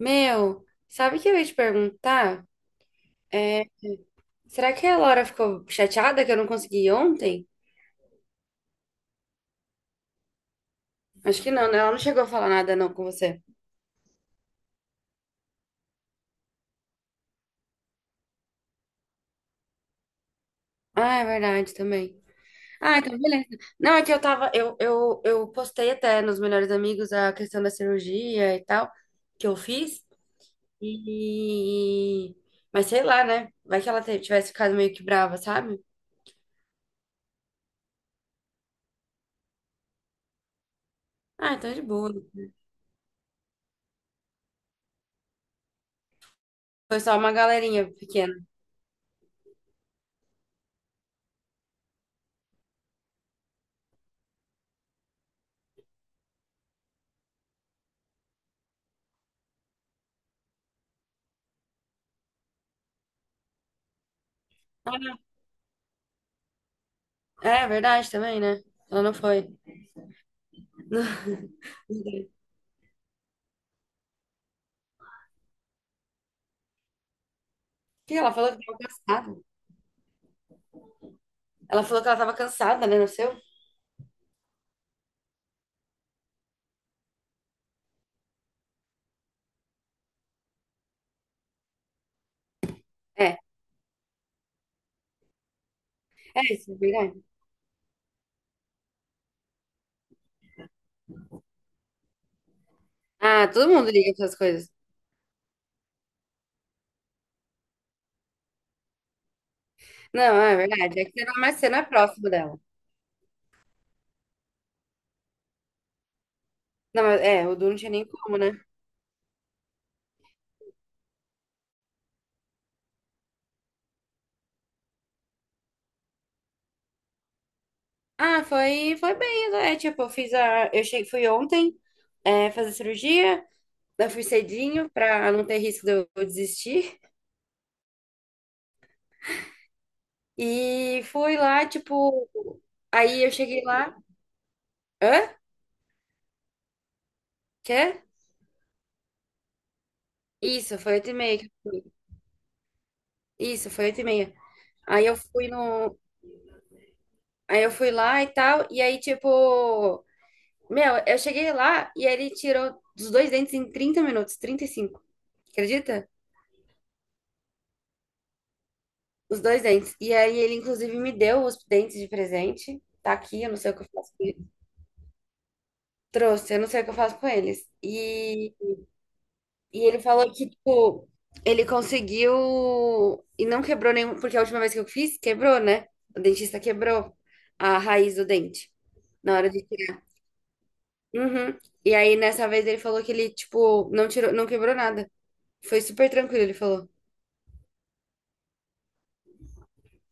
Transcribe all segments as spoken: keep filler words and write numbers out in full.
Meu, sabe o que eu ia te perguntar? É, será que a Laura ficou chateada que eu não consegui ir ontem? Acho que não, né? Ela não chegou a falar nada não com você. Ah, é verdade também. Ah, então beleza. Não, é que eu tava, eu, eu, eu postei até nos melhores amigos a questão da cirurgia e tal, que eu fiz. E... Mas sei lá, né? Vai que ela te- tivesse ficado meio que brava, sabe? Ah, então é de boa. Foi só uma galerinha pequena. Ah, é verdade também, né? Ela não foi. Que ela falou que estava cansada. Ela falou que ela estava cansada, né? No seu. É, é isso, é verdade. Ah, todo mundo liga para essas coisas. Não, é verdade. É que você não, mas você não é próximo dela. Não, mas, é, o Du não tinha nem como, né? Ah, foi, foi bem, né? É, tipo, eu fiz a. Eu cheguei, fui ontem, é, fazer cirurgia. Eu fui cedinho pra não ter risco de eu eu desistir. E fui lá, tipo. Aí eu cheguei lá. Hã? Quê? Isso, foi oito e meia. Isso, foi oito e meia. Aí eu fui no. Aí eu fui lá e tal, e aí, tipo, meu, eu cheguei lá e ele tirou os dois dentes em trinta minutos, trinta e cinco. Acredita? Os dois dentes. E aí ele, inclusive, me deu os dentes de presente. Tá aqui, eu não sei o que eu faço com eles. Trouxe, eu não sei o que eu faço com eles. E e ele falou que, tipo, ele conseguiu e não quebrou nenhum, porque a última vez que eu fiz, quebrou, né? O dentista quebrou a raiz do dente. Na hora de. Uhum. E aí, nessa vez, ele falou que ele, tipo, não tirou, não quebrou nada. Foi super tranquilo, ele falou.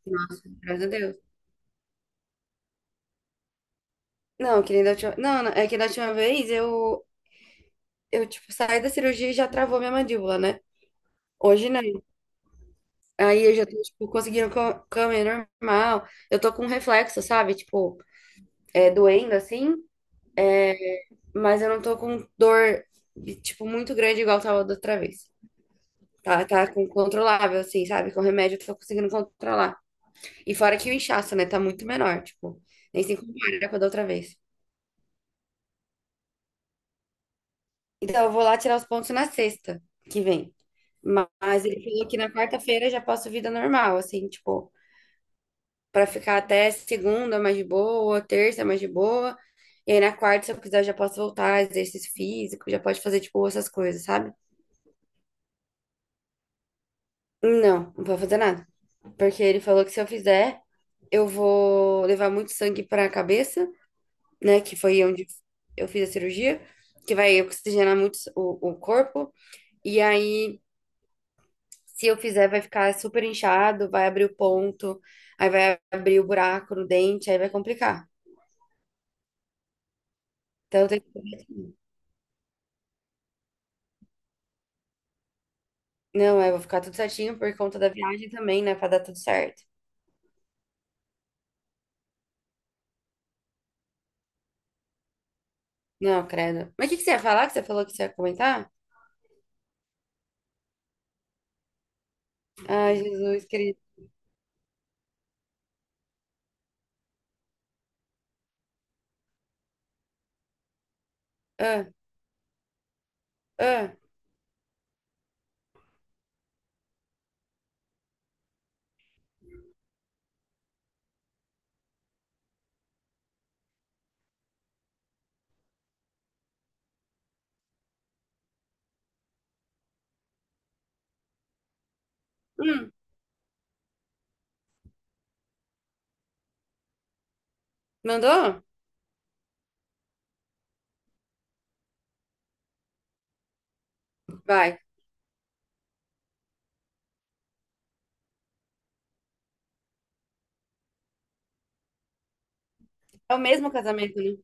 Nossa, graças a Deus. Não, que nem da última... Não, não, é que da última vez eu, eu, tipo, saí da cirurgia e já travou minha mandíbula, né? Hoje não. Aí eu já tô, tipo, conseguindo co- comer normal. Eu tô com reflexo, sabe? Tipo, é doendo assim, mas eu não tô com dor, tipo, muito grande igual tava da outra vez. Tá, tá com- controlável, assim, sabe? Com remédio eu tô conseguindo controlar. E fora que o inchaço, né, tá muito menor, tipo, nem se compara com a da outra vez. Então eu vou lá tirar os pontos na sexta que vem. Mas ele falou que na quarta-feira já posso vida normal, assim, tipo, pra ficar até segunda mais de boa, terça mais de boa. E aí na quarta, se eu quiser, eu já posso voltar, exercício físico, já pode fazer, tipo, essas coisas, sabe? Não, não pode fazer nada. Porque ele falou que se eu fizer, eu vou levar muito sangue pra cabeça, né? Que foi onde eu fiz a cirurgia, que vai oxigenar muito o, o corpo. E aí, se eu fizer, vai ficar super inchado, vai abrir o ponto, aí vai abrir o buraco no dente, aí vai complicar. Então, eu tenho que fazer assim. Não, eu vou ficar tudo certinho por conta da viagem também, né? Pra dar tudo certo. Não, credo. Mas o que que você ia falar? Que você falou que você ia comentar? Ai, Jesus querido. Ah, ah. Hum, mandou? Vai. É o mesmo casamento, né?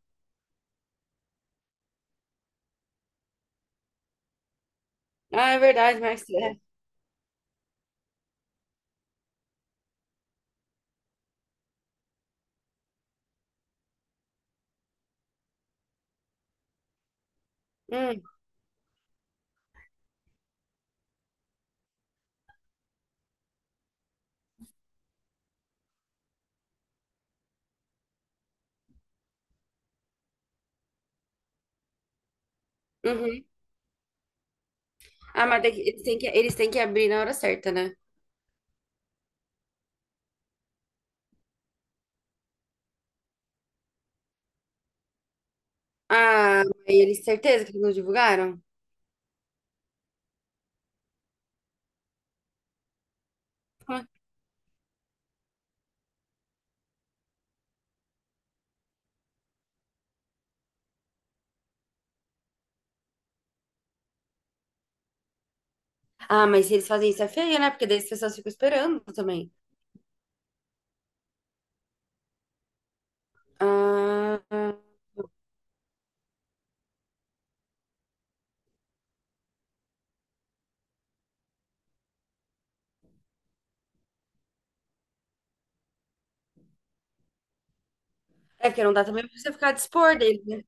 Ah, é verdade, mas é. Hum, uhum. Ah, mas tem que- eles têm que, eles têm que abrir na hora certa, né? Ah, mas eles, certeza que não divulgaram? Ah, mas se eles fazem isso é feio, né? Porque daí as pessoas ficam esperando também. Ah, é porque não dá também pra você ficar a dispor dele, né?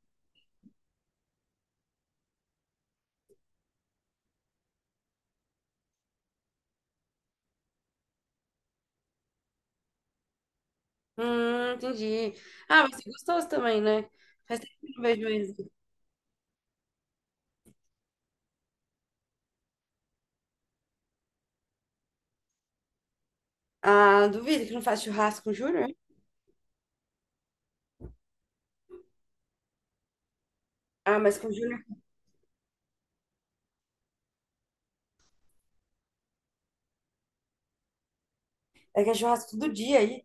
Hum, entendi. Ah, mas é gostoso também, né? Faz tempo que eu não vejo eles. Ah, duvido que não faz churrasco com o Júnior, hein? Ah, mas com o Júnior é que é churrasco todo dia aí.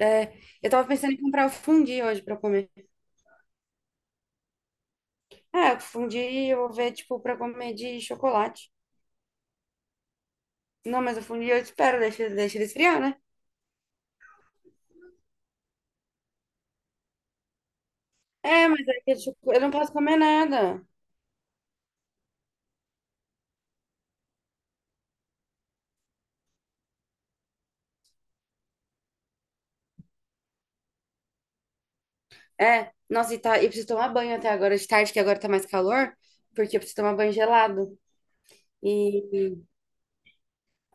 É, eu tava pensando em comprar o fundi hoje pra comer. É, o fundi eu vou ver, tipo, pra comer de chocolate. Não, mas o fundi eu espero, deixa, deixa ele esfriar, né? É, mas é que eu, tipo, eu não posso comer nada. É, nossa, e, tá, e preciso tomar banho até agora de tarde, que agora tá mais calor, porque eu preciso tomar banho gelado. E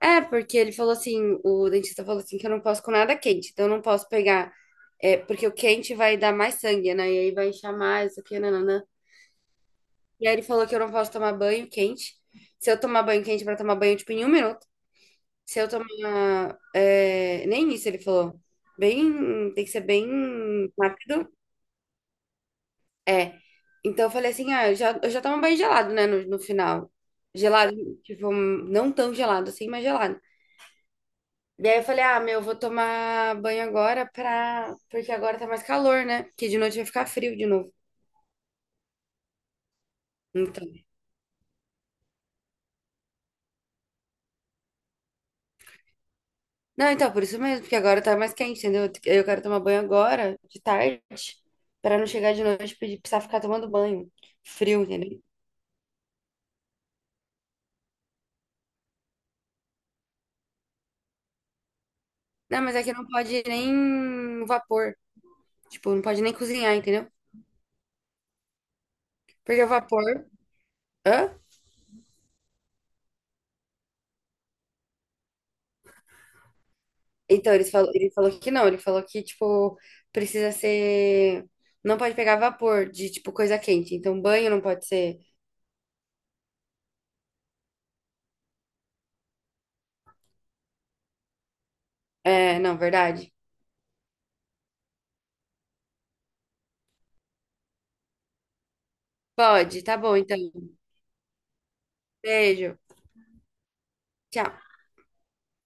é, porque ele falou assim, o dentista falou assim que eu não posso com nada quente, então eu não posso pegar, é, porque o quente vai dar mais sangue, né? E aí vai inchar mais, isso aqui, nananã. E aí ele falou que eu não posso tomar banho quente. Se eu tomar banho quente pra tomar banho, tipo, em um minuto. Se eu tomar, é, nem isso ele falou. Bem. Tem que ser bem rápido. É. Então eu falei assim: ah, eu já, eu já tomo banho gelado, né? No, no final. Gelado, tipo, não tão gelado assim, mas gelado. E aí eu falei: ah, meu, eu vou tomar banho agora pra. Porque agora tá mais calor, né? Porque de noite vai ficar frio de novo. Então. Não, então, por isso mesmo, porque agora tá mais quente, entendeu? Eu quero tomar banho agora, de tarde, pra não chegar de noite e pedir- precisar ficar tomando banho. Frio, entendeu? Não, mas aqui não pode nem vapor. Tipo, não pode nem cozinhar, entendeu? Porque o vapor. Hã? Então, eles falou, ele falou que não. Ele falou que, tipo, precisa ser. Não pode pegar vapor de, tipo, coisa quente. Então, banho não pode ser. É, não, verdade? Pode, tá bom, então. Beijo. Tchau.